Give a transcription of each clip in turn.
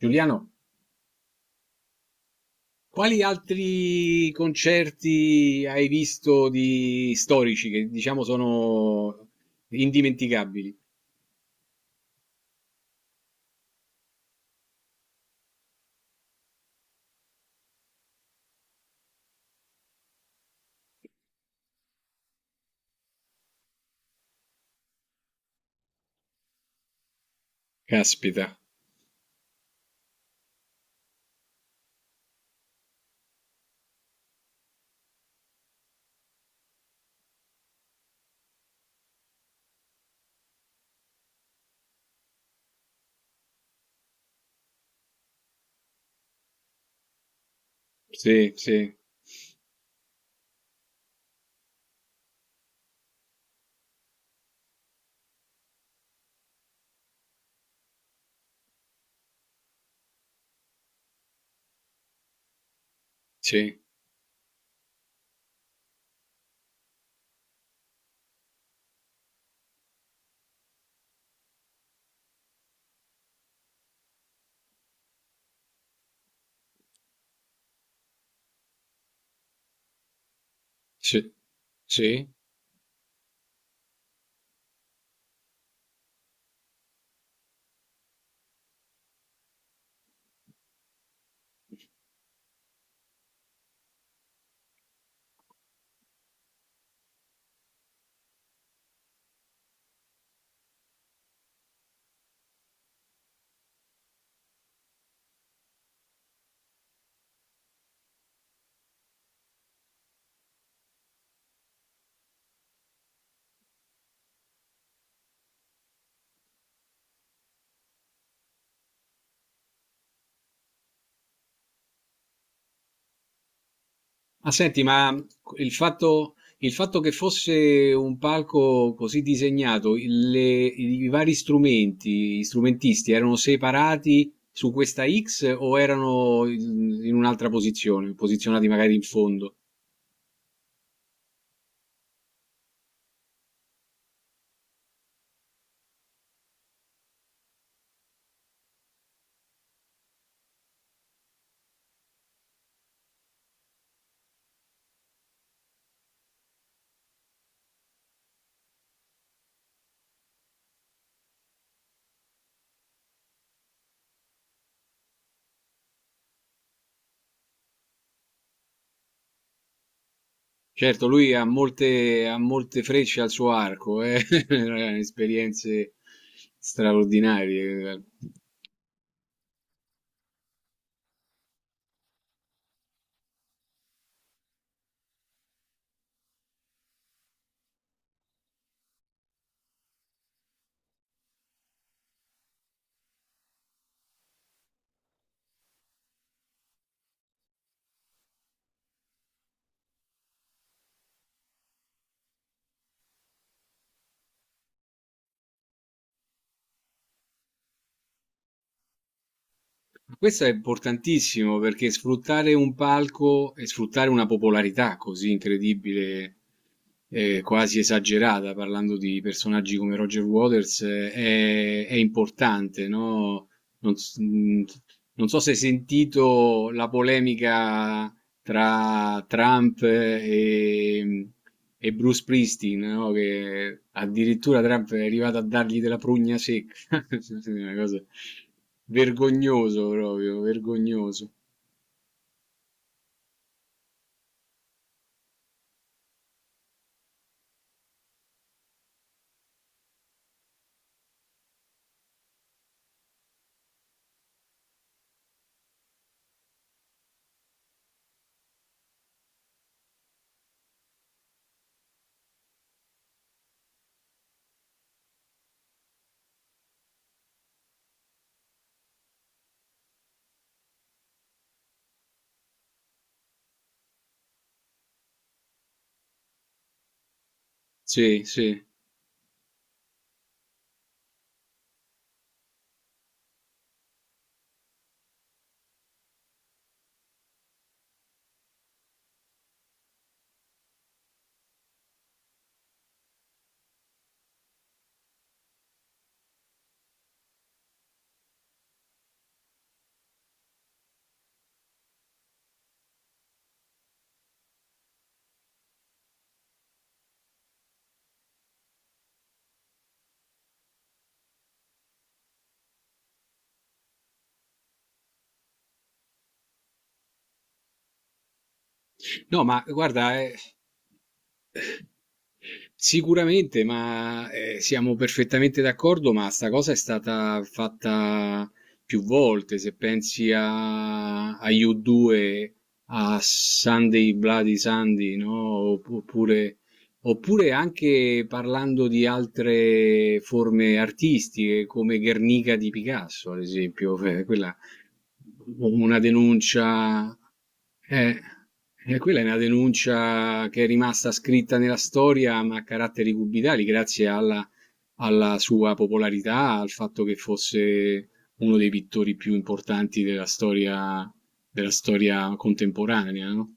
Giuliano, quali altri concerti hai visto di storici che diciamo sono indimenticabili? Caspita, sì, sì, sì, sì, sì. Ma senti, ma il fatto che fosse un palco così disegnato, i vari strumenti, gli strumentisti erano separati su questa X o erano in un'altra posizione, posizionati magari in fondo? Certo, lui ha molte frecce al suo arco, eh? Esperienze straordinarie. Questo è importantissimo perché sfruttare un palco e sfruttare una popolarità così incredibile, quasi esagerata, parlando di personaggi come Roger Waters, è importante, no? Non, s- mh, Non so se hai sentito la polemica tra Trump e Bruce Springsteen, no? Che addirittura Trump è arrivato a dargli della prugna. Sì, sì, una cosa vergognoso proprio, vergognoso. Sì, sì. No, ma guarda, sicuramente, ma siamo perfettamente d'accordo, ma sta cosa è stata fatta più volte. Se pensi a, a U2, a Sunday Bloody Sunday, no? Oppure, oppure anche parlando di altre forme artistiche, come Guernica di Picasso, ad esempio, quella una denuncia, eh, e quella è una denuncia che è rimasta scritta nella storia, ma a caratteri cubitali, grazie alla, alla sua popolarità, al fatto che fosse uno dei pittori più importanti della storia contemporanea, no?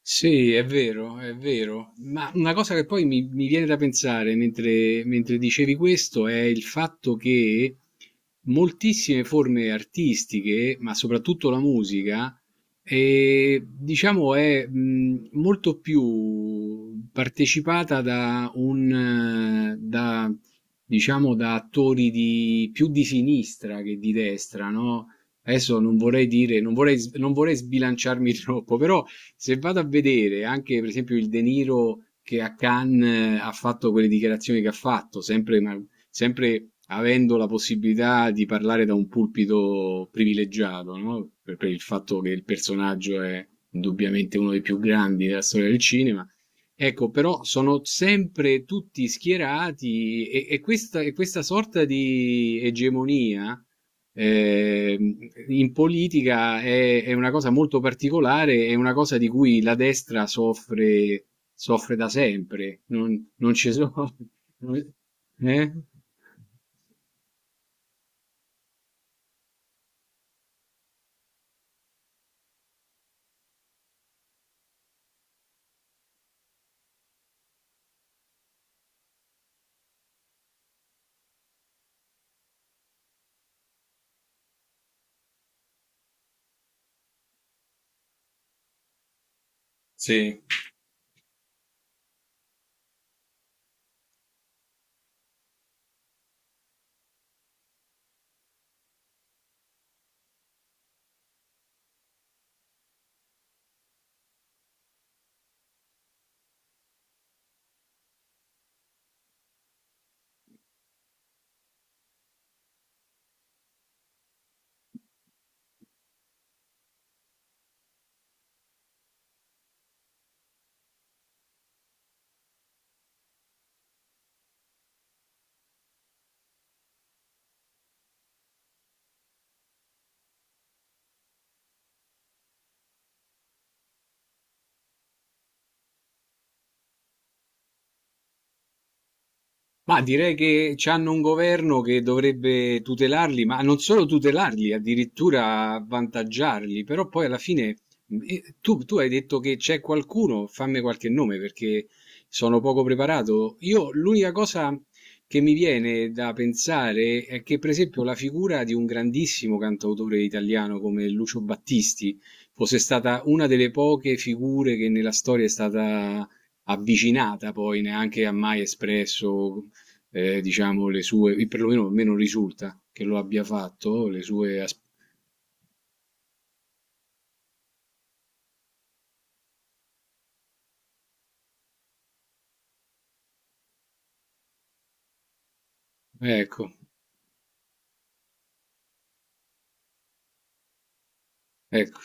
Sì, è vero, è vero. Ma una cosa che poi mi viene da pensare mentre, mentre dicevi questo è il fatto che moltissime forme artistiche, ma soprattutto la musica, diciamo è molto più partecipata da un, da, diciamo, da attori di, più di sinistra che di destra, no? Adesso non vorrei dire, non vorrei, non vorrei sbilanciarmi troppo, però se vado a vedere anche per esempio il De Niro che a Cannes ha fatto quelle dichiarazioni che ha fatto, sempre, sempre avendo la possibilità di parlare da un pulpito privilegiato, no? Per il fatto che il personaggio è indubbiamente uno dei più grandi della storia del cinema. Ecco, però sono sempre tutti schierati e questa sorta di egemonia, eh, in politica è una cosa molto particolare, è una cosa di cui la destra soffre, soffre da sempre. Non, non ci sono... Eh? Sì. Ma direi che c'hanno un governo che dovrebbe tutelarli, ma non solo tutelarli, addirittura avvantaggiarli, però poi alla fine tu, tu hai detto che c'è qualcuno, fammi qualche nome perché sono poco preparato. Io l'unica cosa che mi viene da pensare è che per esempio la figura di un grandissimo cantautore italiano come Lucio Battisti fosse stata una delle poche figure che nella storia è stata avvicinata poi neanche ha mai espresso diciamo le sue i perlomeno a me non risulta che lo abbia fatto, le sue as ecco, ecco.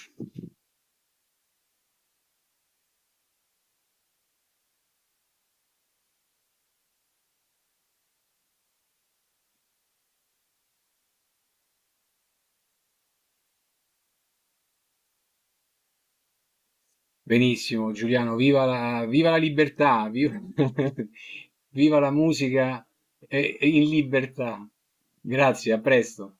Benissimo Giuliano, viva la libertà, viva, viva la musica, in libertà. Grazie, a presto.